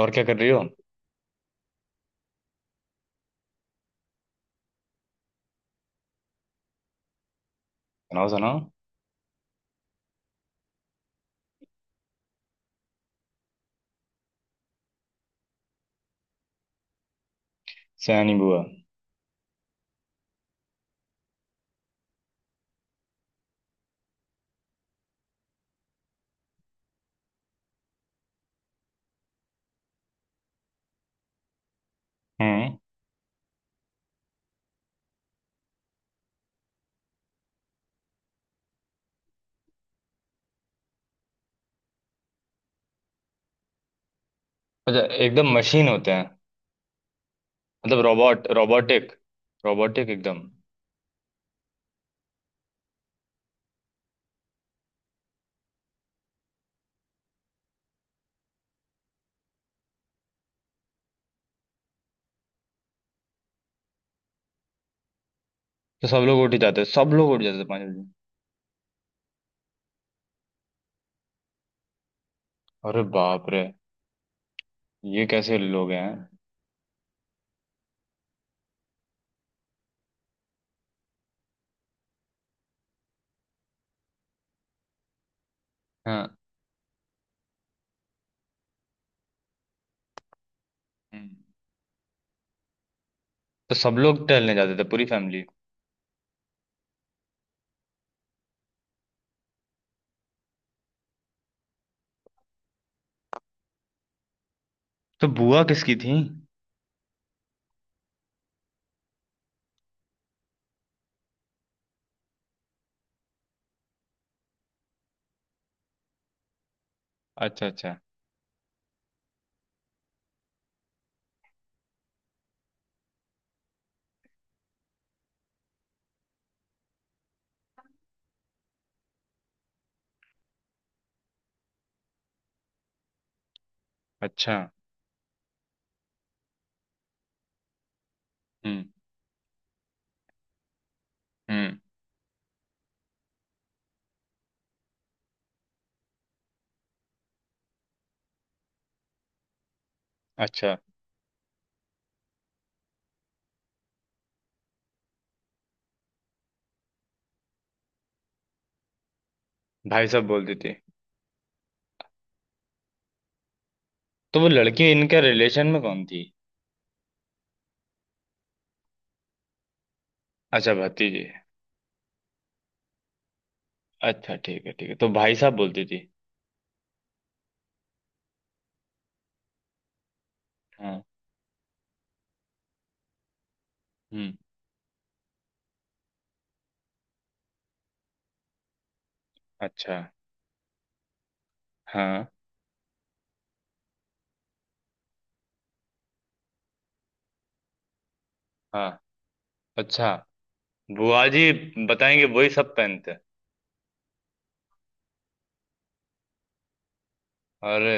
और क्या कर रही हो? सुनाओ, सुनाओ। सयानी बुआ? हम्म। अच्छा। एकदम मशीन होते हैं। मतलब रोबोट, रोबोटिक। रोबोटिक एकदम। तो सब लोग उठ ही जाते हैं, सब लोग उठ जाते हैं पाँच बजे। अरे बाप रे। ये कैसे लोग हैं? हाँ। हम्म। तो सब लोग टहलने जाते थे पूरी फैमिली? तो बुआ किसकी थी? अच्छा, अच्छा, अच्छा। हम्म। हम्म। अच्छा। भाई साहब बोलती थी? तो वो लड़की इनके रिलेशन में कौन थी? अच्छा, भतीजी। अच्छा, ठीक है, ठीक है तो भाई साहब बोलती थी। हाँ। हम्म। अच्छा। हाँ। हाँ। अच्छा। बुआ जी। बताएंगे वही सब पहनते हैं। अरे।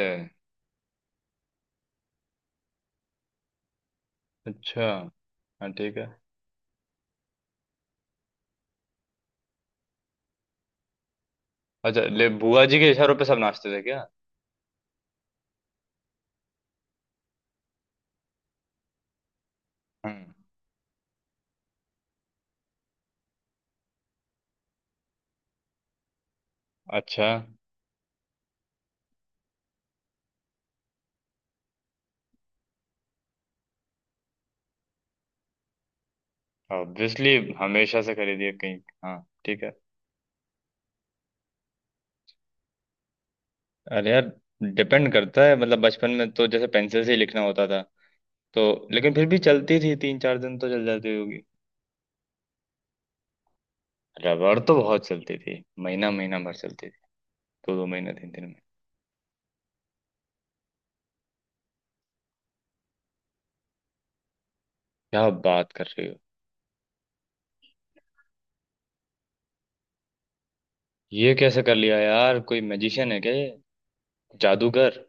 अच्छा। हाँ, ठीक है। अच्छा ले, बुआ जी के इशारों पे सब नाचते थे क्या? हम्म। अच्छा। ऑब्वियसली, हमेशा से खरीदिए कहीं। हाँ। ठीक है। अरे यार। डिपेंड करता है, मतलब बचपन में तो जैसे पेंसिल से ही लिखना होता था। तो। लेकिन फिर भी चलती थी, तीन चार दिन तो चल जाती होगी। रबड़ तो बहुत चलती थी, महीना महीना भर चलती थी। दो दो महीना, तीन तीन महीना। क्या बात कर रही हो? ये कैसे कर लिया यार? कोई मैजिशियन है क्या ये? जादूगर।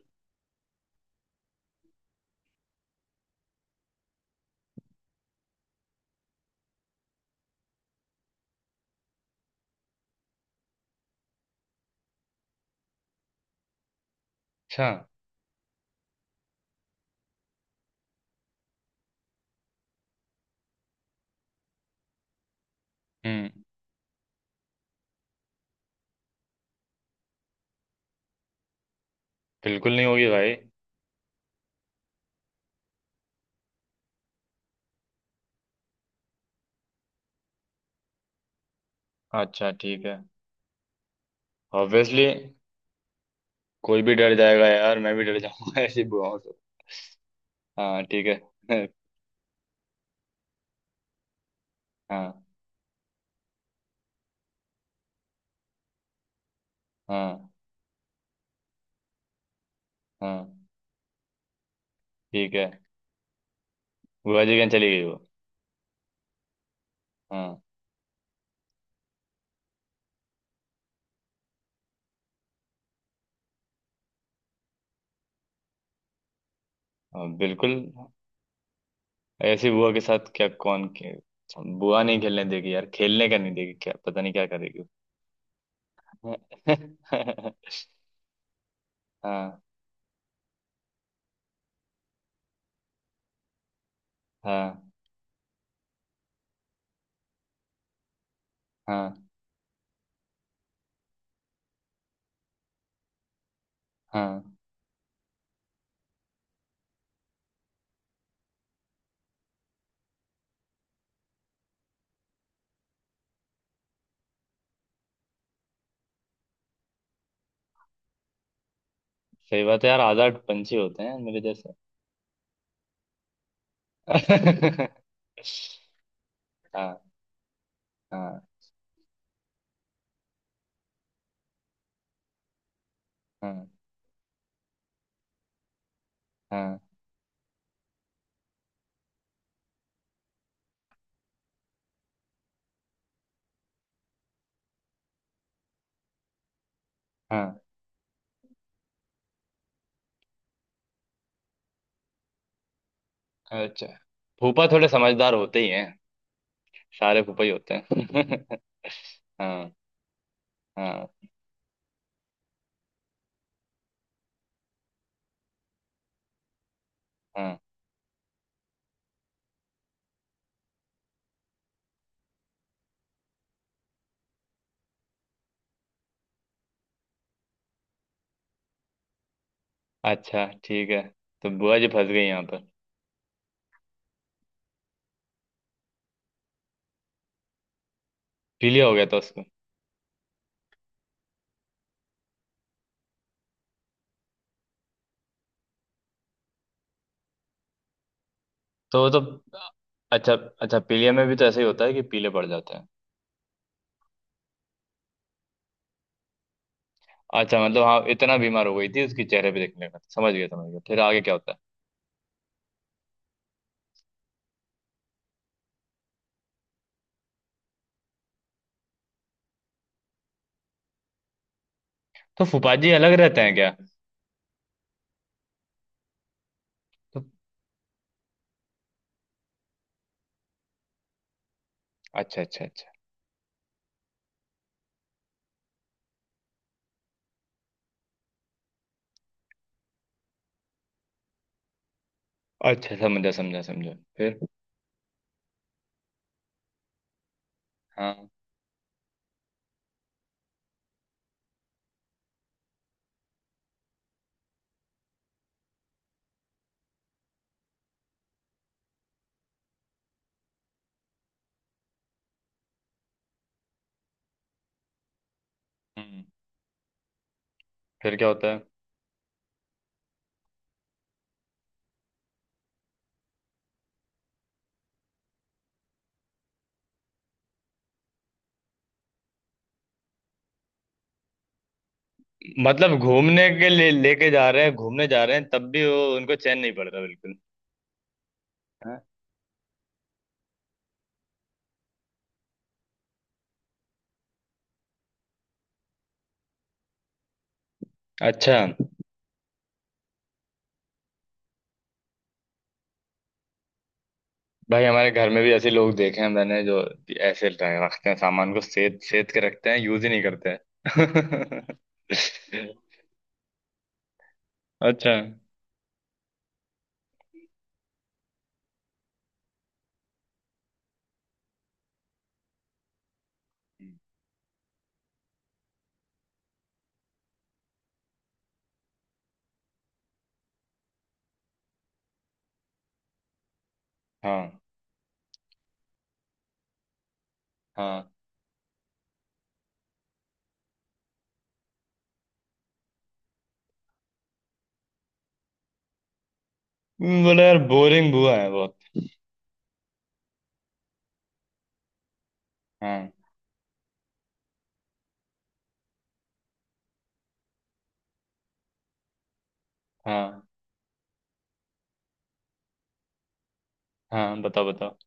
अच्छा। हम्म। बिल्कुल नहीं होगी भाई। अच्छा, ठीक है। ऑब्वियसली। कोई भी डर जाएगा यार, मैं भी डर जाऊंगा ऐसी बुआओं से। हाँ, ठीक है। हाँ, हाँ, हाँ। ठीक है। बुआ जी कहाँ चली गई वो? हाँ। हाँ, बिल्कुल। ऐसी बुआ के साथ क्या कौन के। बुआ नहीं खेलने देगी यार, खेलने का नहीं देगी, क्या पता नहीं क्या करेगी। हाँ, हाँ, हाँ, हाँ। सही बात है यार, आजाद पंछी होते हैं मेरे जैसे। हाँ, हाँ, हाँ, हाँ। हाँ। अच्छा। फूफा थोड़े समझदार होते ही हैं। सारे फूफा ही होते हैं। हाँ, हाँ। हाँ। अच्छा, ठीक है तो बुआ जी फंस गई यहाँ पर? पीलिया हो गया था उसको? तो वो तो। अच्छा। अच्छा, पीलिया में भी तो ऐसे ही होता है कि पीले पड़ जाते हैं। अच्छा, मतलब हाँ, इतना बीमार हो गई थी उसके चेहरे पे देखने का, समझ गया, समझ गया, फिर आगे क्या होता है? तो फूफा जी अलग रहते हैं क्या? तो। अच्छा, अच्छा, अच्छा। अच्छा, समझा, समझा, समझा। फिर। हाँ। हम्म। फिर क्या होता है? मतलब घूमने के लिए लेके जा रहे हैं, घूमने जा रहे हैं तब भी वो उनको चैन नहीं पड़ रहा बिल्कुल। हैं? अच्छा। भाई हमारे घर में भी ऐसे लोग देखे हैं मैंने जो ऐसे रखते हैं, सामान को सेद सेद के रखते हैं, यूज ही नहीं करते हैं। अच्छा, हम्म। हाँ। हाँ। बोला यार, बोरिंग बुआ है बहुत। हाँ। हाँ, हाँ बताओ, बताओ।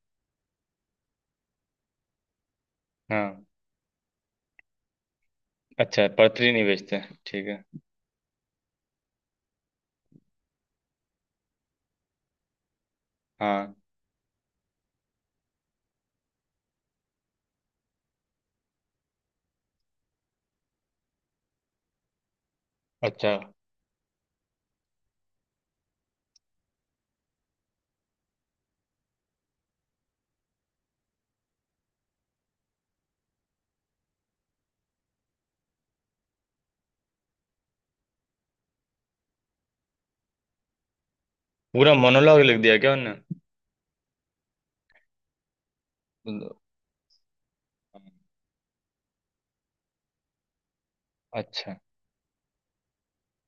हाँ। अच्छा, पथरी नहीं बेचते। ठीक है। हाँ। अच्छा। पूरा मोनोलॉग लिख दिया क्या उनने? ल- अच्छा।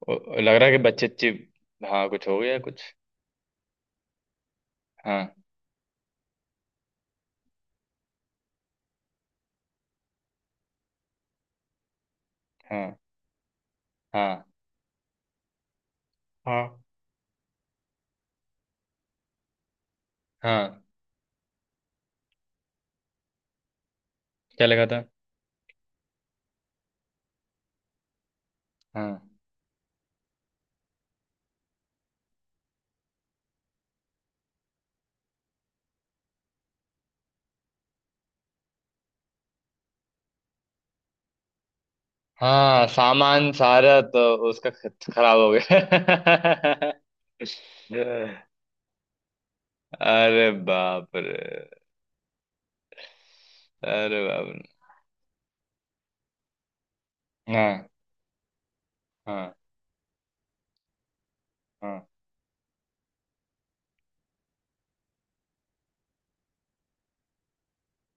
ओ, लग रहा है कि बच्चे चिप। हाँ, कुछ हो गया कुछ? हाँ। हाँ। हाँ, हाँ, हाँ। क्या लगा था? हाँ। हाँ, सामान सारा तो। उसका खराब हो गया। अरे बाप रे, अरे बाप रे, हाँ, हाँ, हाँ।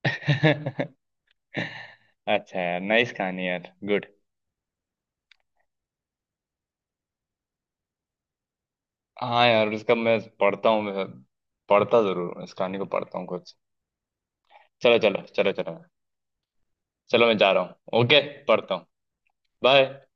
अच्छा यार, नाइस कहानी यार, गुड। हाँ यार, उसका मैं पढ़ता हूँ मैं। पढ़ता जरूर हूँ, इस कहानी को पढ़ता हूँ कुछ। चलो, चलो, चलो, चलो। चलो, मैं जा रहा हूँ, ओके। पढ़ता हूँ। बाय।